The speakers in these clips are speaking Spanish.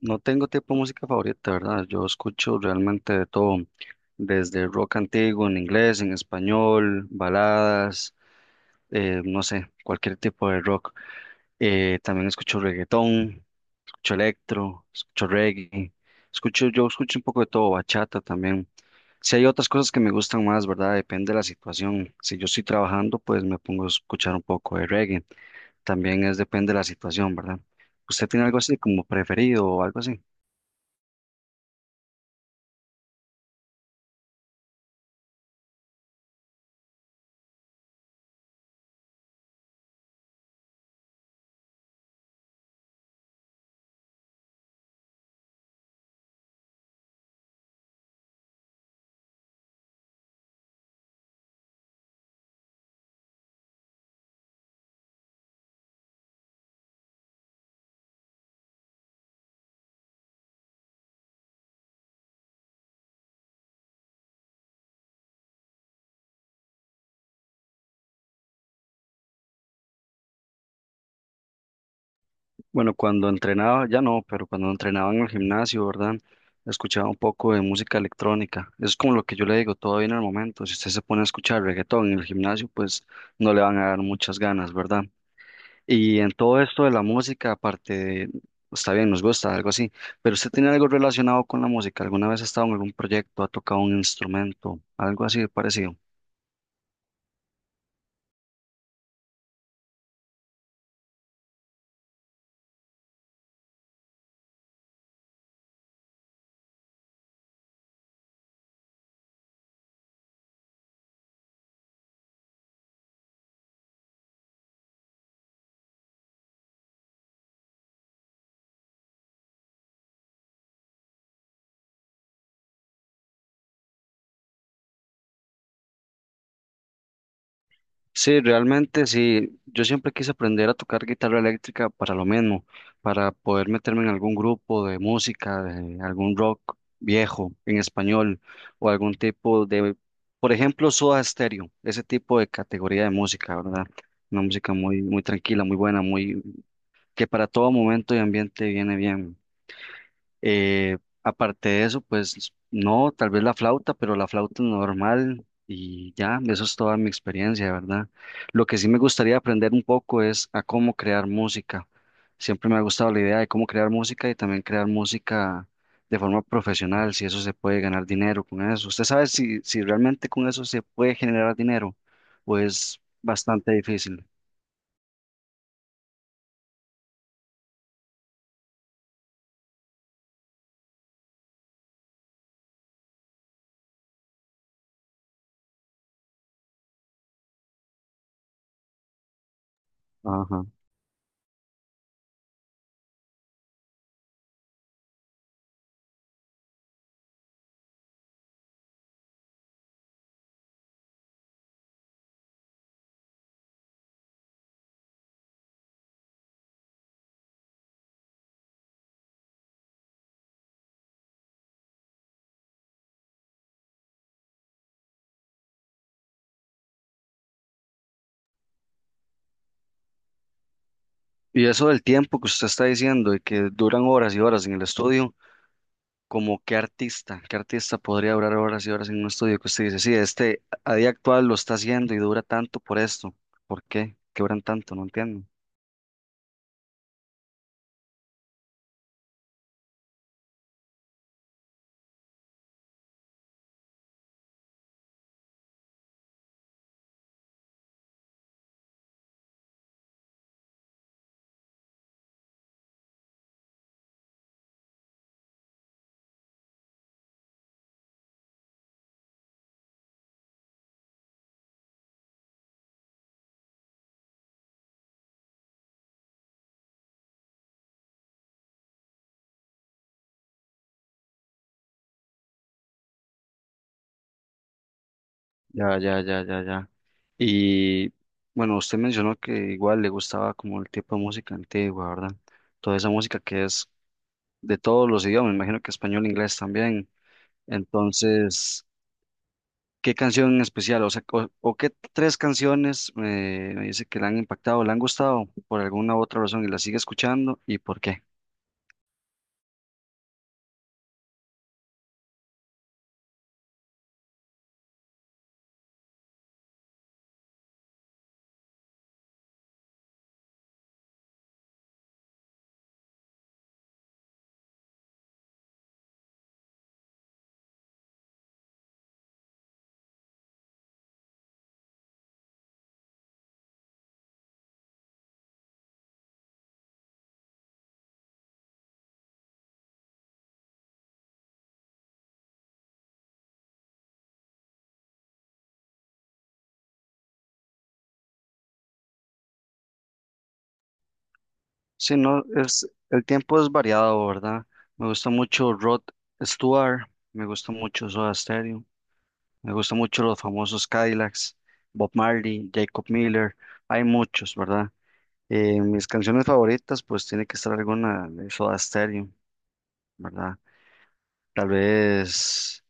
No tengo tipo de música favorita, ¿verdad? Yo escucho realmente de todo, desde rock antiguo en inglés, en español, baladas, no sé, cualquier tipo de rock. También escucho reggaetón, escucho electro, escucho reggae, escucho, yo escucho un poco de todo, bachata también. Si hay otras cosas que me gustan más, ¿verdad? Depende de la situación. Si yo estoy trabajando, pues me pongo a escuchar un poco de reggae. También es depende de la situación, ¿verdad? ¿Usted tiene algo así como preferido o algo así? Bueno, cuando entrenaba, ya no, pero cuando entrenaba en el gimnasio, ¿verdad? Escuchaba un poco de música electrónica. Eso es como lo que yo le digo, todo viene al momento. Si usted se pone a escuchar reggaetón en el gimnasio, pues no le van a dar muchas ganas, ¿verdad? Y en todo esto de la música, aparte de- está bien, nos gusta, algo así, pero usted tiene algo relacionado con la música. ¿Alguna vez ha estado en algún proyecto, ha tocado un instrumento, algo así de parecido? Sí, realmente sí. Yo siempre quise aprender a tocar guitarra eléctrica para lo mismo, para poder meterme en algún grupo de música, de algún rock viejo en español o algún tipo de, por ejemplo, Soda Stereo, ese tipo de categoría de música, ¿verdad? Una música muy, muy tranquila, muy buena, muy que para todo momento y ambiente viene bien. Eh, aparte de eso, pues no, tal vez la flauta, pero la flauta normal y ya, eso es toda mi experiencia, ¿verdad? Lo que sí me gustaría aprender un poco es a cómo crear música. Siempre me ha gustado la idea de cómo crear música y también crear música de forma profesional, si eso se puede ganar dinero con eso. ¿Usted sabe si realmente con eso se puede generar dinero o es bastante difícil? Ajá. Y eso del tiempo que usted está diciendo y que duran horas y horas en el estudio. Como qué artista podría durar horas y horas en un estudio que usted dice, sí, este a día actual lo está haciendo y dura tanto por esto. ¿Por qué? ¿Qué duran tanto? No entiendo. Ya, ya, ya, ya, ya. Y bueno, usted mencionó que igual le gustaba como el tipo de música antigua, ¿verdad? Toda esa música que es de todos los idiomas, me imagino que español, inglés también. Entonces, ¿qué canción en especial? O sea, o qué 3 canciones me dice que le han impactado, le han gustado por alguna u otra razón y la sigue escuchando y por qué. Sí, no, es, el tiempo es variado, ¿verdad? Me gusta mucho Rod Stewart, me gusta mucho Soda Stereo, me gusta mucho los famosos Cadillacs, Bob Marley, Jacob Miller, hay muchos, ¿verdad? Mis canciones favoritas, pues tiene que estar alguna de Soda Stereo, ¿verdad? Tal vez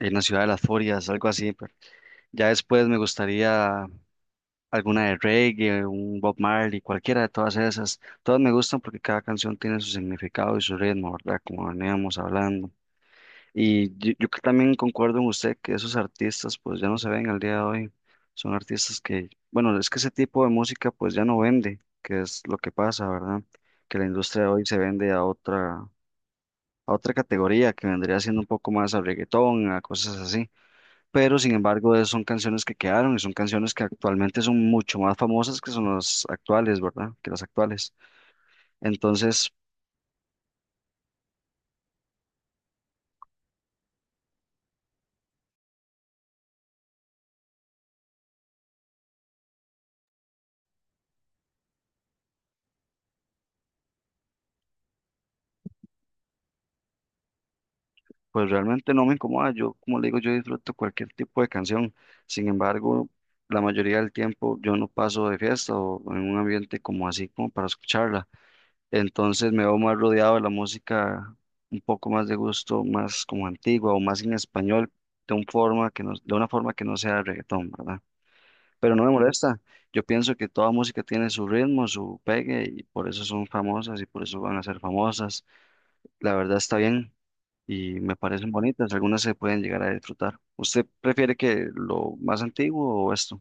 en la ciudad de las furias, algo así. Ya después me gustaría alguna de reggae, un Bob Marley, cualquiera de todas esas. Todas me gustan porque cada canción tiene su significado y su ritmo, ¿verdad? Como veníamos hablando. Y yo que también concuerdo con usted que esos artistas pues ya no se ven al día de hoy. Son artistas que, bueno, es que ese tipo de música pues ya no vende, que es lo que pasa, ¿verdad? Que la industria de hoy se vende a otra categoría que vendría siendo un poco más a reggaetón, a cosas así, pero sin embargo es- son canciones que quedaron y son canciones que actualmente son mucho más famosas que son las actuales, ¿verdad? Que las actuales. Entonces, pues realmente no me incomoda, yo como le digo, yo disfruto cualquier tipo de canción, sin embargo, la mayoría del tiempo yo no paso de fiesta o en un ambiente como así como para escucharla, entonces me veo más rodeado de la música un poco más de gusto, más como antigua o más en español, de un forma que no- de una forma que no sea reggaetón, ¿verdad? Pero no me molesta. Yo pienso que toda música tiene su ritmo, su pegue, y por eso son famosas y por eso van a ser famosas. La verdad está bien y me parecen bonitas. Algunas se pueden llegar a disfrutar. ¿Usted prefiere que lo más antiguo o esto?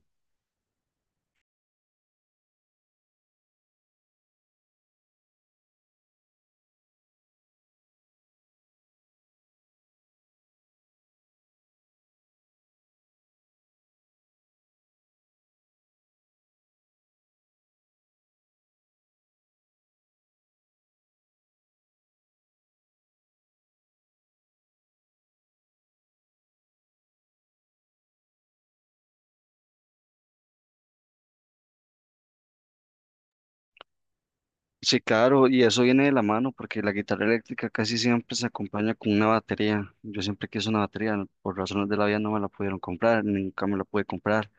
Sí, claro, y eso viene de la mano porque la guitarra eléctrica casi siempre se acompaña con una batería. Yo siempre quise una batería, por razones de la vida no me la pudieron comprar, nunca me la pude comprar.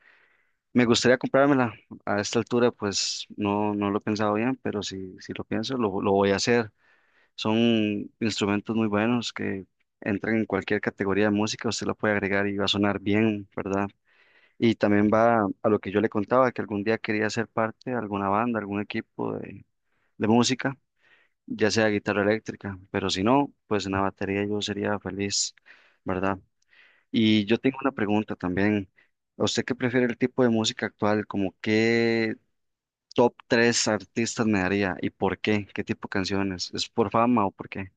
Me gustaría comprármela. A esta altura, pues no, no lo he pensado bien, pero si, si lo pienso, lo voy a hacer. Son instrumentos muy buenos que entran en cualquier categoría de música, usted la puede agregar y va a sonar bien, ¿verdad? Y también va a lo que yo le contaba, que algún día quería ser parte de alguna banda, algún equipo de música, ya sea guitarra eléctrica, pero si no, pues en la batería yo sería feliz, ¿verdad? Y yo tengo una pregunta también. ¿A usted qué prefiere el tipo de música actual? ¿Como qué top 3 artistas me daría? ¿Y por qué? ¿Qué tipo de canciones? ¿Es por fama o por qué?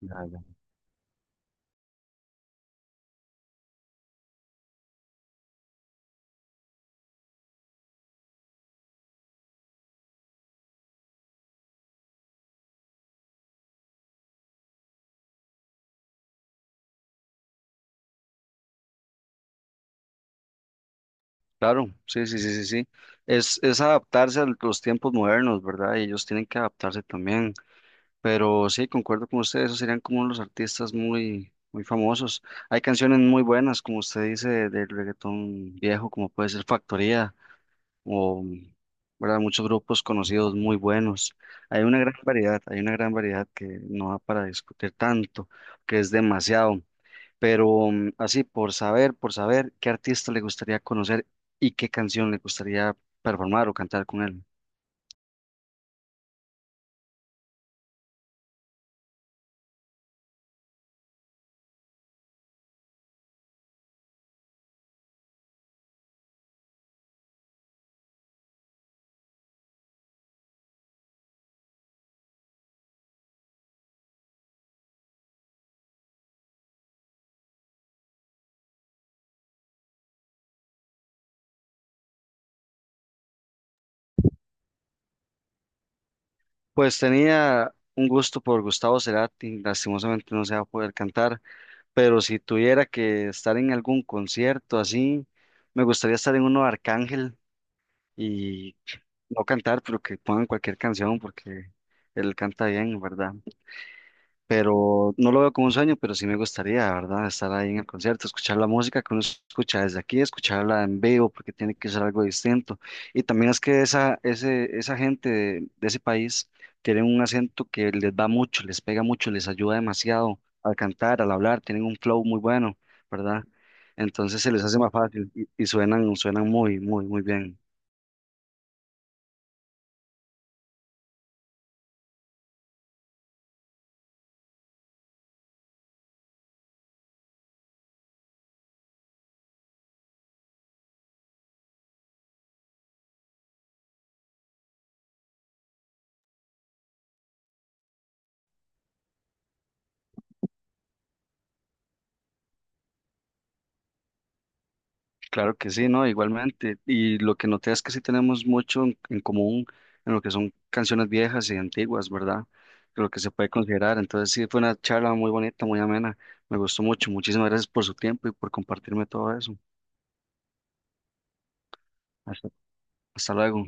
Ya, ya. Claro, sí, sí, sí, sí, sí. Es adaptarse a los tiempos modernos, ¿verdad? Y ellos tienen que adaptarse también. Pero sí, concuerdo con usted, esos serían como los artistas muy, muy famosos. Hay canciones muy buenas, como usted dice, del reggaetón viejo, como puede ser Factoría. O, ¿verdad? Muchos grupos conocidos muy buenos. Hay una gran variedad, hay una gran variedad que no da para discutir tanto, que es demasiado. Pero así, por saber qué artista le gustaría conocer y qué canción le gustaría performar o cantar con él. Pues tenía un gusto por Gustavo Cerati, lastimosamente no se va a poder cantar, pero si tuviera que estar en algún concierto así, me gustaría estar en uno de Arcángel y no cantar, pero que pongan cualquier canción porque él canta bien, ¿verdad? Pero no lo veo como un sueño, pero sí me gustaría, ¿verdad? Estar ahí en el concierto, escuchar la música que uno escucha desde aquí, escucharla en vivo porque tiene que ser algo distinto. Y también es que esa, ese, esa gente de ese país tiene un acento que les va mucho, les pega mucho, les ayuda demasiado al cantar, al hablar, tienen un flow muy bueno, ¿verdad? Entonces se les hace más fácil y suenan, suenan muy, muy, muy bien. Claro que sí, ¿no? Igualmente. Y lo que noté es que sí tenemos mucho en común en lo que son canciones viejas y antiguas, ¿verdad? Lo que se puede considerar. Entonces sí, fue una charla muy bonita, muy amena. Me gustó mucho. Muchísimas gracias por su tiempo y por compartirme todo eso. Hasta, hasta luego.